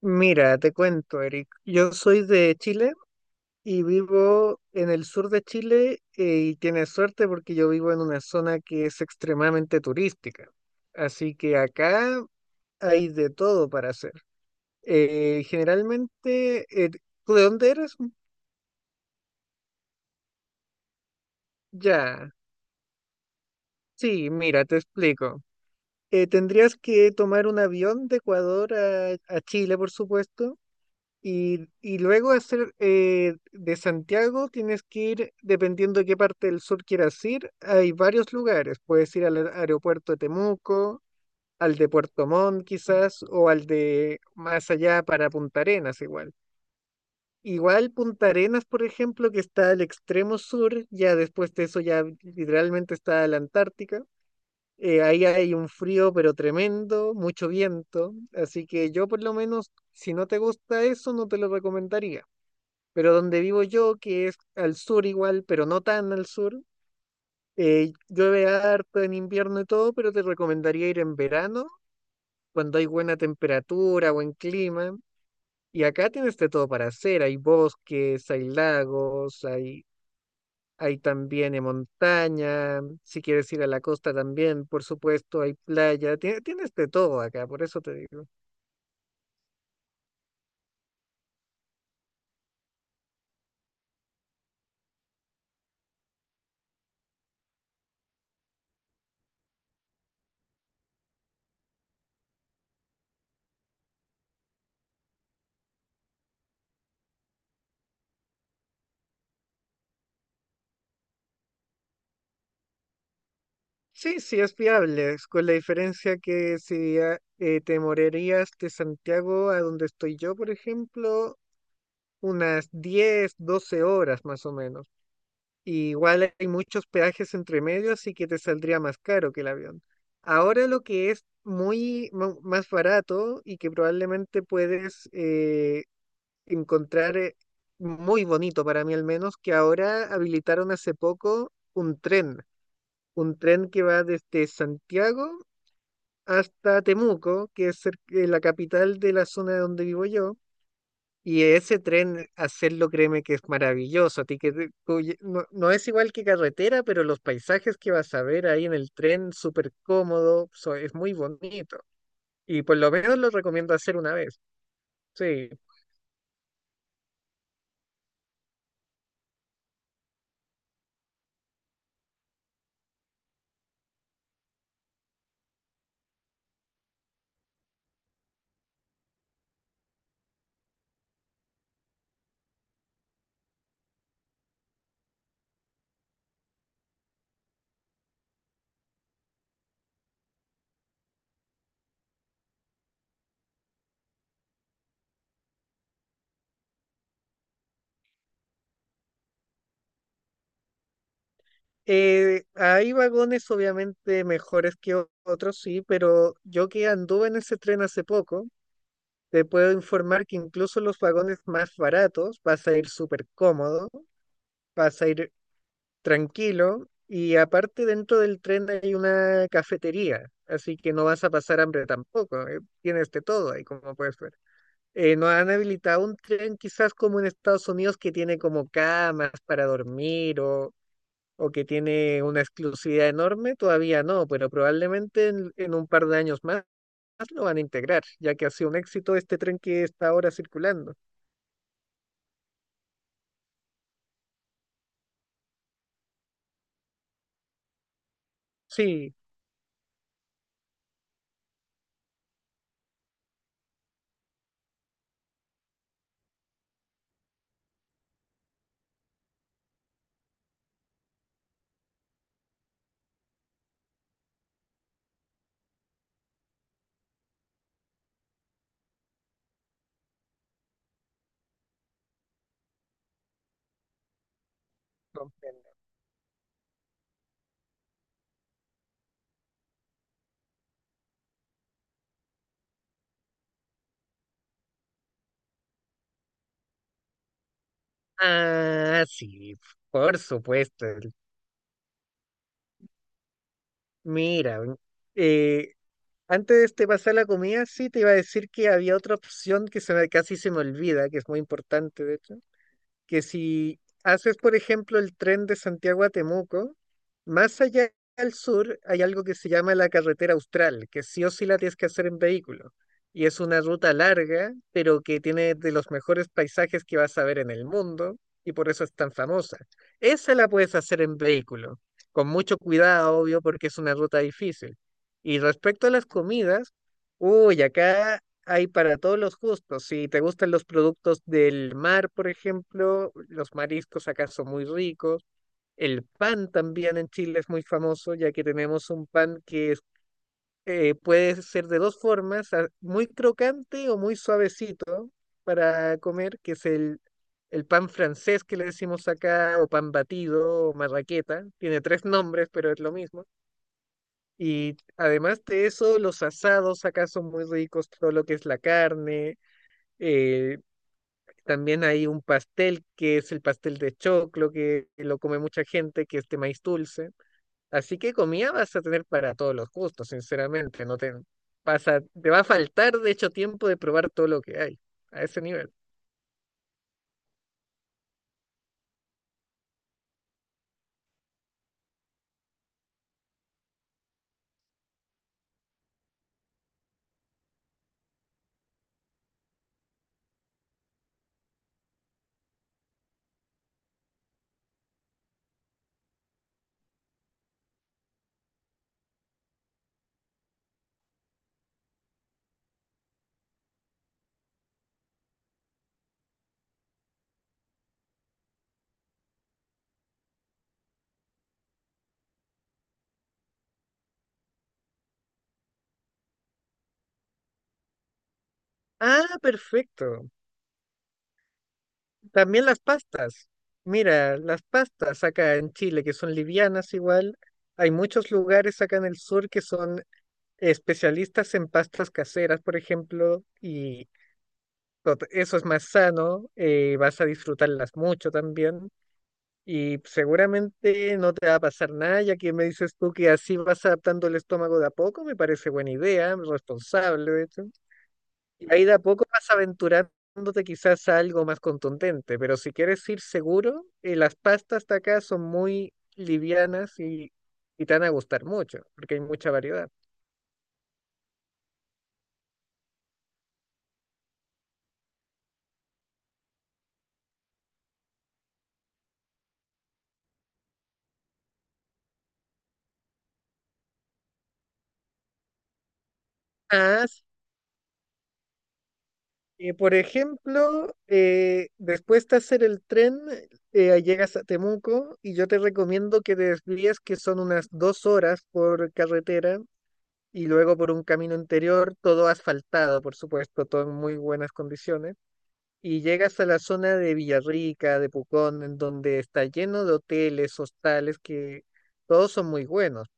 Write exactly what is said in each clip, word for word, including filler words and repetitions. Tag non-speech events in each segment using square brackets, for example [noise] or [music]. Mira, te cuento, Eric. Yo soy de Chile y vivo en el sur de Chile eh, y tienes suerte porque yo vivo en una zona que es extremadamente turística. Así que acá hay de todo para hacer. Eh, generalmente, eh, ¿tú de dónde eres? Ya. Sí, mira, te explico. Eh, tendrías que tomar un avión de Ecuador a, a Chile, por supuesto. Y, y luego de, ser, eh, de Santiago tienes que ir, dependiendo de qué parte del sur quieras ir, hay varios lugares. Puedes ir al aer- aeropuerto de Temuco, al de Puerto Montt quizás, o al de más allá para Punta Arenas igual. Igual Punta Arenas, por ejemplo, que está al extremo sur, ya después de eso ya literalmente está la Antártica. Eh, ahí hay un frío pero tremendo, mucho viento, así que yo por lo menos, si no te gusta eso, no te lo recomendaría. Pero donde vivo yo, que es al sur igual, pero no tan al sur, eh, llueve harto en invierno y todo, pero te recomendaría ir en verano, cuando hay buena temperatura, buen clima. Y acá tienes de todo para hacer, hay bosques, hay lagos, hay, hay también eh, montaña, si quieres ir a la costa también, por supuesto, hay playa, tie- tienes de todo acá, por eso te digo. Sí, sí, es viable, es con la diferencia que si a- eh, te morerías de Santiago a donde estoy yo, por ejemplo, unas diez, doce horas más o menos. Y igual hay muchos peajes entre medio, así que te saldría más caro que el avión. Ahora lo que es muy mo- más barato y que probablemente puedes eh, encontrar eh, muy bonito para mí al menos, que ahora habilitaron hace poco un tren, un tren que va desde Santiago hasta Temuco, que es cer- eh, la capital de la zona donde vivo yo. Y ese tren, hacerlo, créeme que es maravilloso. A ti que te- cuye- no, no es igual que carretera, pero los paisajes que vas a ver ahí en el tren, súper cómodo, so- es muy bonito. Y por lo menos lo recomiendo hacer una vez. Sí. Eh, hay vagones obviamente mejores que o- otros, sí, pero yo que anduve en ese tren hace poco, te puedo informar que incluso los vagones más baratos vas a ir súper cómodo vas a ir tranquilo y aparte dentro del tren hay una cafetería, así que no vas a pasar hambre tampoco, eh, Tienes de todo ahí como puedes ver. Eh, no han habilitado un tren quizás como en Estados Unidos que tiene como camas para dormir o, o que tiene una exclusividad enorme, todavía no, pero probablemente en, en un par de años más lo van a integrar, ya que ha sido un éxito este tren que está ahora circulando. Sí, comprendo. Ah, sí, por supuesto. Mira, mm, eh, antes de este pasar a la comida, sí te iba a decir que había otra opción que se me, casi se me olvida, que es muy importante, de hecho que si haces, por ejemplo, el tren de Santiago a Temuco, más allá al sur hay algo que se llama la carretera austral, que sí o sí la tienes que hacer en vehículo. Y es una ruta larga, pero que tiene de los mejores paisajes que vas a ver en el mundo, y por eso es tan famosa. Esa la puedes hacer en vehículo, con mucho cuidado, obvio, porque es una ruta difícil. Y respecto a las comidas, uy, acá hay para todos los gustos. Si te gustan los productos del mar, por ejemplo, los mariscos acá son muy ricos. El pan también en Chile es muy famoso, ya que tenemos un pan que es, eh, puede ser de dos formas, a- muy crocante o muy suavecito para comer, que es el, el pan francés que le decimos acá, o pan batido, o marraqueta. Tiene tres nombres, pero es lo mismo. Y además de eso, los asados acá son muy ricos, todo lo que es la carne eh, también hay un pastel que es el pastel de choclo, que lo come mucha gente, que es de maíz dulce. Así que comida vas a tener para todos los gustos, sinceramente. No te vas a- te va a faltar, de hecho, tiempo de probar todo lo que hay a ese nivel. Ah, perfecto. También las pastas. Mira, las pastas acá en Chile, que son livianas igual. Hay muchos lugares acá en el sur que son especialistas en pastas caseras, por ejemplo, y tot- eso es más sano, eh, vas a disfrutarlas mucho también y seguramente no te va a pasar nada, ya que me dices tú que así vas adaptando el estómago de a poco, me parece buena idea, responsable de hecho. Y ahí de a poco vas aventurándote quizás a algo más contundente, pero si quieres ir seguro, eh, las pastas de acá son muy livianas y, y te van a gustar mucho, porque hay mucha variedad. Ah. Eh, por ejemplo, eh, después de hacer el tren, eh, llegas a Temuco y yo te recomiendo que te desvíes, que son unas dos horas por carretera y luego por un camino interior, todo asfaltado, por supuesto, todo en muy buenas condiciones. Y llegas a la zona de Villarrica, de Pucón, en donde está lleno de hoteles, hostales, que todos son muy buenos.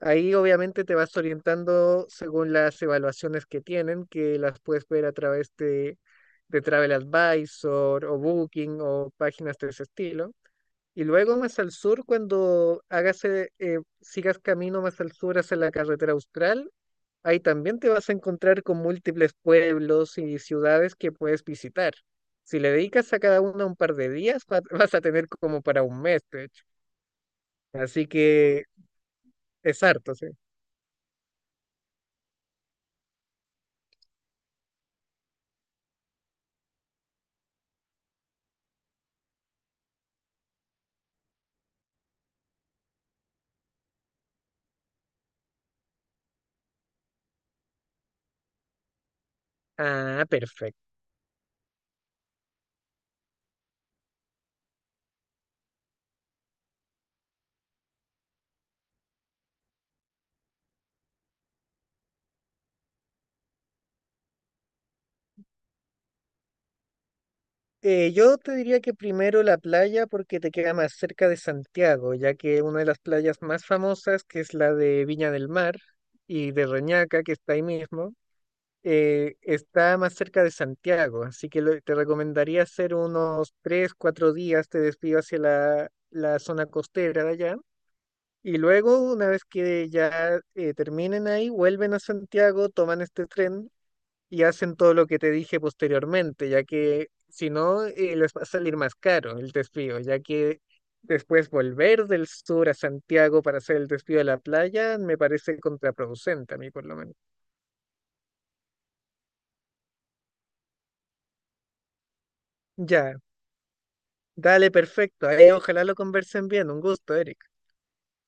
Ahí obviamente te vas orientando según las evaluaciones que tienen, que las puedes ver a través de, de Travel Advisor o Booking o páginas de ese estilo. Y luego más al sur, cuando hagas, eh, eh, sigas camino más al sur hacia la carretera austral, ahí también te vas a encontrar con múltiples pueblos y ciudades que puedes visitar. Si le dedicas a cada una un par de días, va- [laughs] vas a tener como para un mes, de hecho. Así que es harto, sí. Ah, perfecto. Eh, yo te diría que primero la playa porque te queda más cerca de Santiago, ya que una de las playas más famosas, que es la de Viña del Mar y de Reñaca, que está ahí mismo, eh, está más cerca de Santiago, así que lo- te recomendaría hacer unos tres, cuatro días, te desvío hacia la, la zona costera de allá. Y luego, una vez que ya eh, terminen ahí, vuelven a Santiago, toman este tren y hacen todo lo que te dije posteriormente, ya que si no, eh, les va a salir más caro el desvío, ya que después volver del sur a Santiago para hacer el desvío a la playa me parece contraproducente a mí por lo menos. Ya, dale, perfecto. Ahí ojalá lo conversen bien. Un gusto, Eric.